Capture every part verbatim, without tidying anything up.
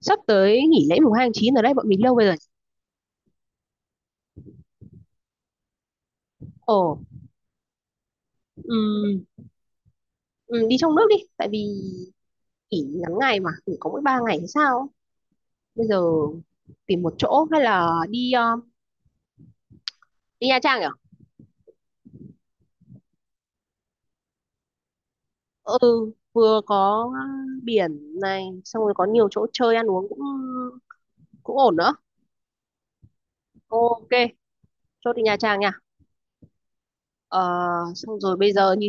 Sắp tới nghỉ lễ mùng hai tháng chín ở đây bọn mình lâu bây giờ. Ồ. ừm, ừm, Đi trong nước đi, tại vì nghỉ ngắn ngày, mà nghỉ có mỗi ba ngày thì sao. Bây giờ tìm một chỗ hay là đi ờ, đi Nha Trang nhỉ. Ừ, vừa có biển này, xong rồi có nhiều chỗ chơi ăn uống cũng cũng ổn nữa. Ok, chốt đi Nha Trang nha. Ờ, xong rồi bây giờ như...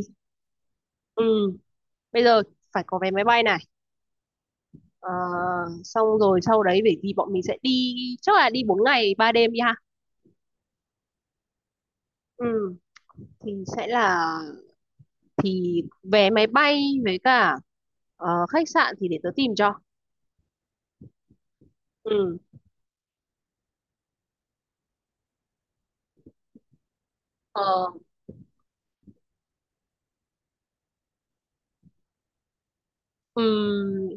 Ừ, bây giờ phải có vé máy bay này. Ờ, xong rồi sau đấy bởi vì bọn mình sẽ đi, chắc là đi bốn ngày ba đêm đi ha. Ừ, thì sẽ là... thì vé máy bay với cả ờ, khách sạn thì để tớ tìm cho. Ừ. ờ, ừm,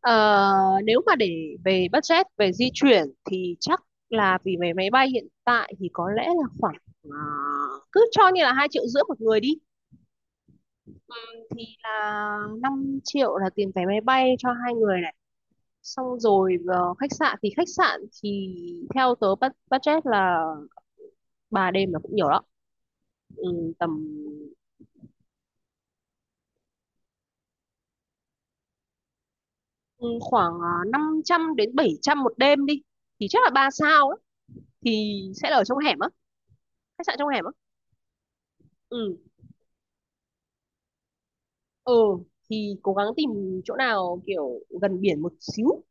ờ, Nếu mà để về budget về di chuyển thì chắc là vì vé máy bay hiện tại thì có lẽ là khoảng ờ, cứ cho như là hai triệu rưỡi một người đi, thì là năm triệu là tiền vé máy bay cho hai người này. Xong rồi ờ, khách sạn thì khách sạn thì theo tớ bu- budget là ba đêm là cũng nhiều lắm. Ừ, tầm ừ, khoảng ờ, năm trăm đến bảy trăm một đêm đi, thì chắc là ba sao á, thì sẽ là ở trong hẻm á, khách sạn trong hẻm á. Ừ. Ừ, thì cố gắng tìm chỗ nào kiểu gần biển một xíu.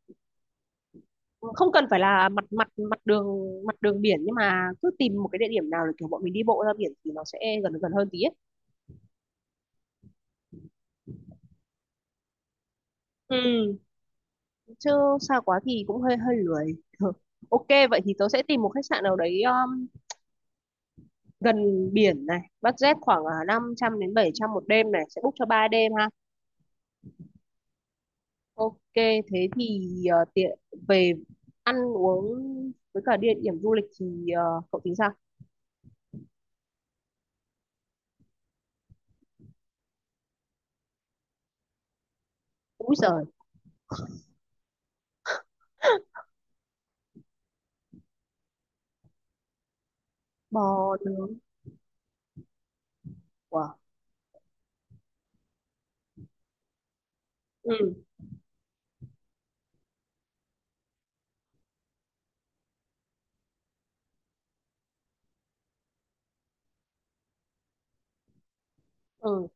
Không cần phải là mặt mặt mặt đường, mặt đường biển, nhưng mà cứ tìm một cái địa điểm nào để kiểu bọn mình đi bộ ra biển thì nó sẽ gần gần hơn tí ấy. Ừ, chứ xa quá thì cũng hơi hơi lười. Ừ. Ok, vậy thì tớ sẽ tìm một khách sạn nào đấy um, gần biển này, budget khoảng uh, năm trăm đến bảy trăm một đêm này, sẽ book cho ba đêm ha. Ok, thế thì ờ, tiện về ăn uống với cả địa điểm du lịch thì ờ, cậu tính sao? Úi giời! Bò nướng. Wow. Ừ. Ừ.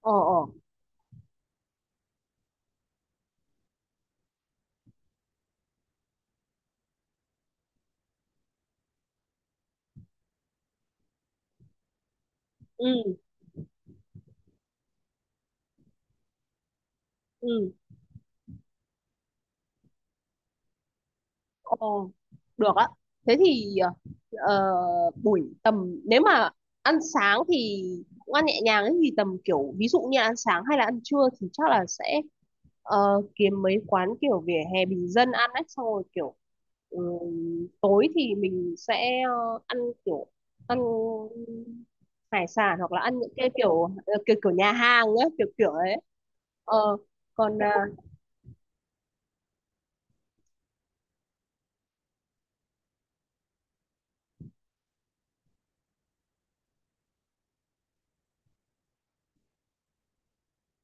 Ờ. Ờ. Ừ. Ừ. Ờ. Được á. Thế thì ờ, ờ, buổi tầm, nếu mà ăn sáng thì cũng ăn nhẹ nhàng ấy, thì tầm kiểu, ví dụ như ăn sáng hay là ăn trưa thì chắc là sẽ ờ, kiếm mấy quán kiểu vỉa hè bình dân ăn ấy, xong rồi kiểu... Ừ, tối thì mình sẽ ờ, ăn kiểu, ăn hải sản hoặc là ăn những cái kiểu ờ, kiểu kiểu nhà hàng á, kiểu kiểu ấy. Ờ. Còn à,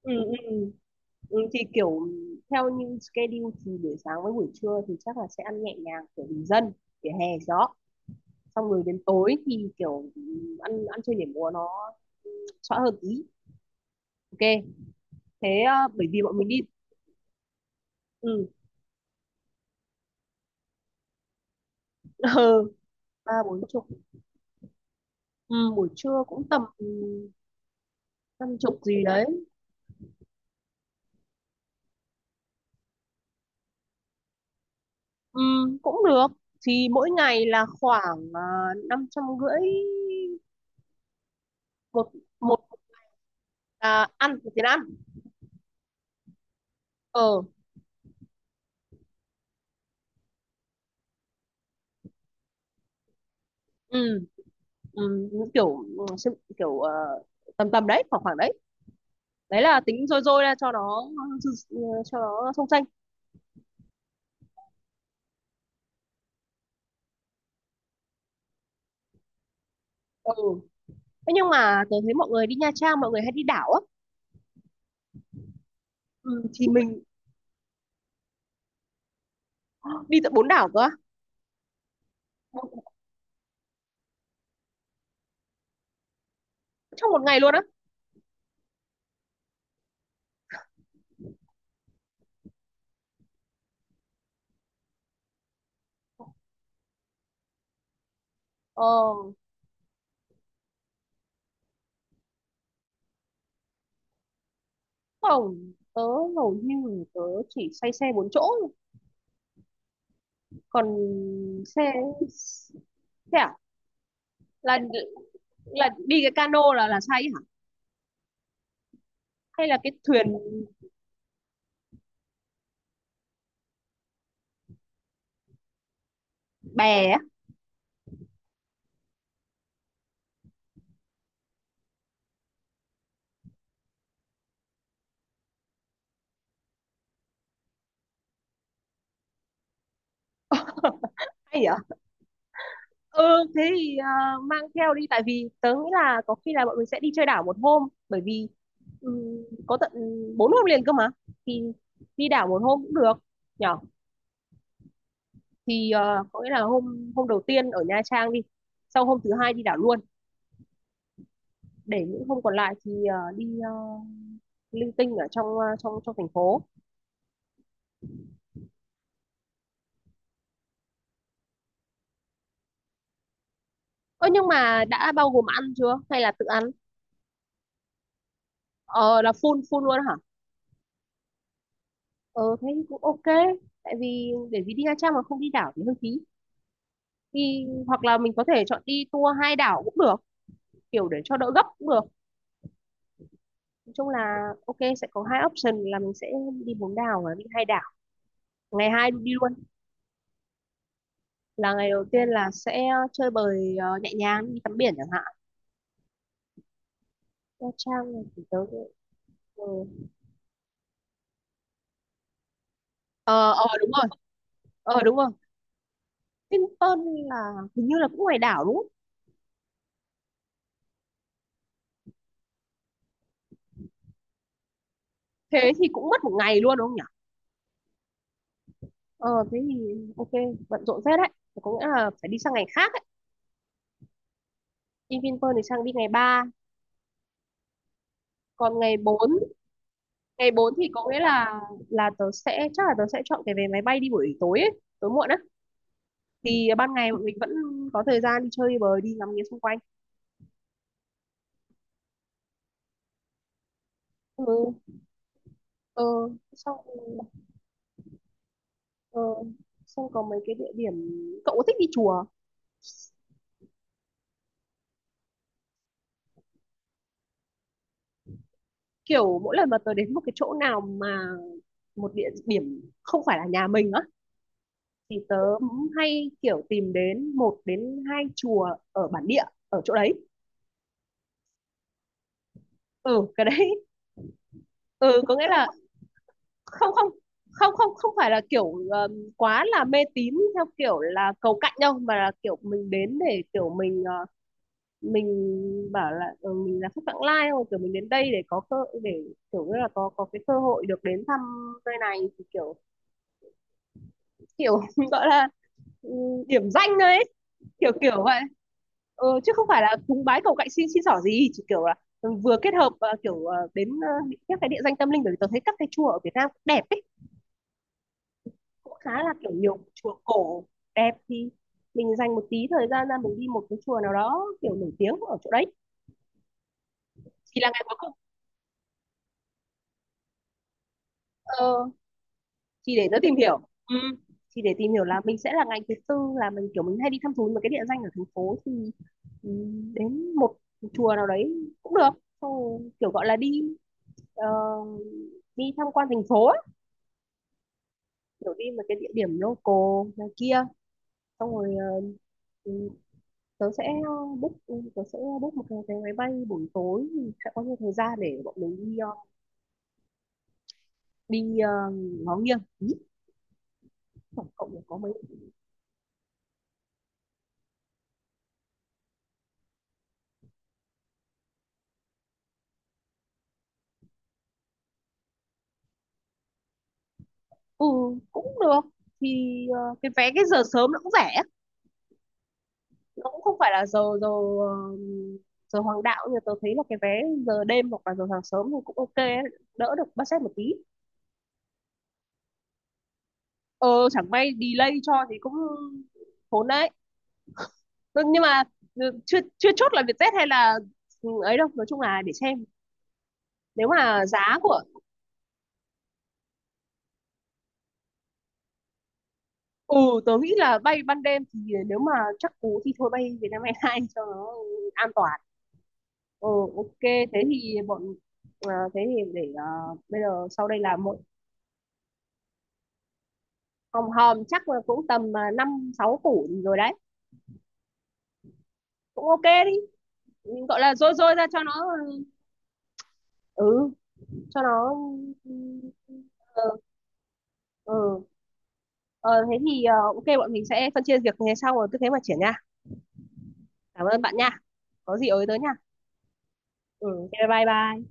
ừ, ừ, ừ, thì kiểu theo như schedule thì buổi sáng với buổi trưa thì chắc là sẽ ăn nhẹ nhàng kiểu bình dân vỉa hè gió, xong rồi đến tối thì kiểu ừ, ăn ăn chơi nhảy múa nó xóa hơn tí. Ok, thế ờ, bởi vì bọn mình đi. Ừ. Ừ, ba bốn chục. Ừ, buổi trưa cũng tầm ừ, năm chục gì đấy. Ừ, cũng được, thì mỗi ngày là khoảng uh, năm trăm rưỡi một một à, ăn một tiền ăn. Ờ. Ừ. Ừ, kiểu ừ, sự- kiểu ờ, tầm tầm đấy, khoảng khoảng đấy, đấy là tính rồi rồi ra cho nó, cho nó sông xanh. Ừ. Thế nhưng mà tớ thấy mọi người đi Nha Trang mọi người hay đi đảo á. Ừ, thì mình đi tận bốn đảo cơ á. Bốn- Trong một ngày luôn á. Ờ, không, tớ hầu như tớ chỉ say xe bốn chỗ, còn xe, xe à? là là đi cái cano là là say hả? Hay là cái thuyền? Bè á? Hay hả? Ừ, thế thì ờ, mang theo đi, tại vì tớ nghĩ là có khi là bọn mình sẽ đi chơi đảo một hôm, bởi vì ừm, có tận bốn hôm liền cơ mà, thì đi đảo một hôm cũng được nhở. Thì ờ, có nghĩa là hôm, hôm đầu tiên ở Nha Trang đi, sau hôm thứ hai đi đảo luôn, để những hôm còn lại thì ờ, đi ờ, linh tinh ở trong ờ, trong trong thành phố. Ơ, nhưng mà đã bao gồm ăn chưa hay là tự ăn? Ờ, là full full luôn hả? Ờ, thế thì cũng ok. Tại vì để, vì đi Nha Trang mà không đi đảo thì hơi phí. Thì hoặc là mình có thể chọn đi tour hai đảo cũng được, kiểu để cho đỡ gấp cũng được. Nói chung là ok, sẽ có hai option là mình sẽ đi bốn đảo và đi hai đảo. Ngày hai đi luôn, là ngày đầu tiên là sẽ chơi bời ờ, nhẹ nhàng đi tắm biển chẳng hạn. Nha Trang này thì tớ... ờ, ờ, ờ, đúng rồi. Ờ, đúng rồi. Vinpearl là hình như là cũng ngoài đảo đúng không? Thế thì cũng mất một ngày luôn đúng không nhỉ. Ờ, thế thì ok, bận rộn phết đấy. Thế có nghĩa là phải đi sang ngày khác ấy. Đi Vinpearl thì sang đi ngày ba, còn ngày bốn, ngày bốn thì có nghĩa là là tớ sẽ, chắc là tớ sẽ chọn cái vé máy bay đi buổi tối ấy, tối muộn á, thì ban ngày bọn mình vẫn có thời gian đi chơi đi bời đi ngắm nghía xung quanh. Ừ. Ờ, xong. Ờ, xong có mấy cái địa điểm. Cậu có thích đi chùa? Kiểu mỗi lần mà tớ đến một cái chỗ nào, mà một địa điểm không phải là nhà mình á, thì tớ hay kiểu tìm đến một đến hai chùa ở bản địa ở chỗ đấy. Ừ, cái đấy. Ừ, có nghĩa là... Không, không, không, không, không phải là kiểu ờm, quá là mê tín theo kiểu là cầu cạnh đâu, mà là kiểu mình đến để kiểu mình ờ, mình bảo là ừ, mình là khách vãng lai, không, kiểu mình đến đây để có cơ, để kiểu như là có có cái cơ hội được đến thăm nơi này, thì kiểu kiểu gọi là ừ, điểm danh đấy. Kiểu kiểu vậy. Ừ, chứ không phải là cúng bái cầu cạnh xin xin xỏ gì, chỉ kiểu là vừa kết hợp ờ, kiểu ờ, đến ờ, các cái địa danh tâm linh, bởi vì tôi thấy các cái chùa ở Việt Nam cũng đẹp ấy, cũng khá là kiểu nhiều chùa cổ đẹp, thì mình dành một tí thời gian ra mình đi một cái chùa nào đó kiểu nổi tiếng ở chỗ đấy. Chỉ là ngày cuối cùng ờ, chỉ để nó tìm hiểu. Ừ. Chỉ để tìm hiểu là mình sẽ là ngày thứ tư là mình kiểu mình hay đi thăm thú một cái địa danh ở thành phố thì ừ, đến một chùa nào đấy cũng được. Xong rồi kiểu gọi là đi ờ, đi tham quan thành phố á, kiểu đi một cái địa điểm local này kia, xong rồi ờ, ừ, tớ sẽ book ừ, tớ sẽ book một cái vé máy bay buổi tối thì sẽ có nhiều thời gian để bọn mình đi ờ, đi ờ, ngó nghiêng Ý, tổng cộng là có mấy. Ừ, cũng được, thì ờ, cái vé cái giờ sớm nó cũng rẻ, nó cũng không phải là giờ giờ ờ, giờ hoàng đạo, nhưng mà tớ thấy là cái vé giờ đêm hoặc là giờ sáng sớm thì cũng ok ấy, đỡ được budget một tí. Ờ, chẳng may delay cho thì cũng khốn đấy. Ừ, nhưng mà ừ, chưa chưa chốt là Vietjet hay là ừ, ấy đâu, nói chung là để xem nếu mà giá của... Ừ, tớ nghĩ là bay ban đêm thì nếu mà chắc cú thì thôi bay Vietnam Airlines cho nó an toàn. Ừ. Ok, thế thì bọn ờ, thế thì để ờ, bây giờ sau đây là một... Hòm hòm chắc là cũng tầm ờ, năm sáu củ rồi đấy. Cũng ok đi. Mình gọi là rôi rôi ra cho nó. Ừ, cho nó ừ, ừ. Ờ, thế thì ờ, ok, bọn mình sẽ phân chia việc như thế, xong rồi cứ thế mà triển nha. Cảm ơn bạn nha. Có gì ới tới nha. Ừ, ok, bye bye.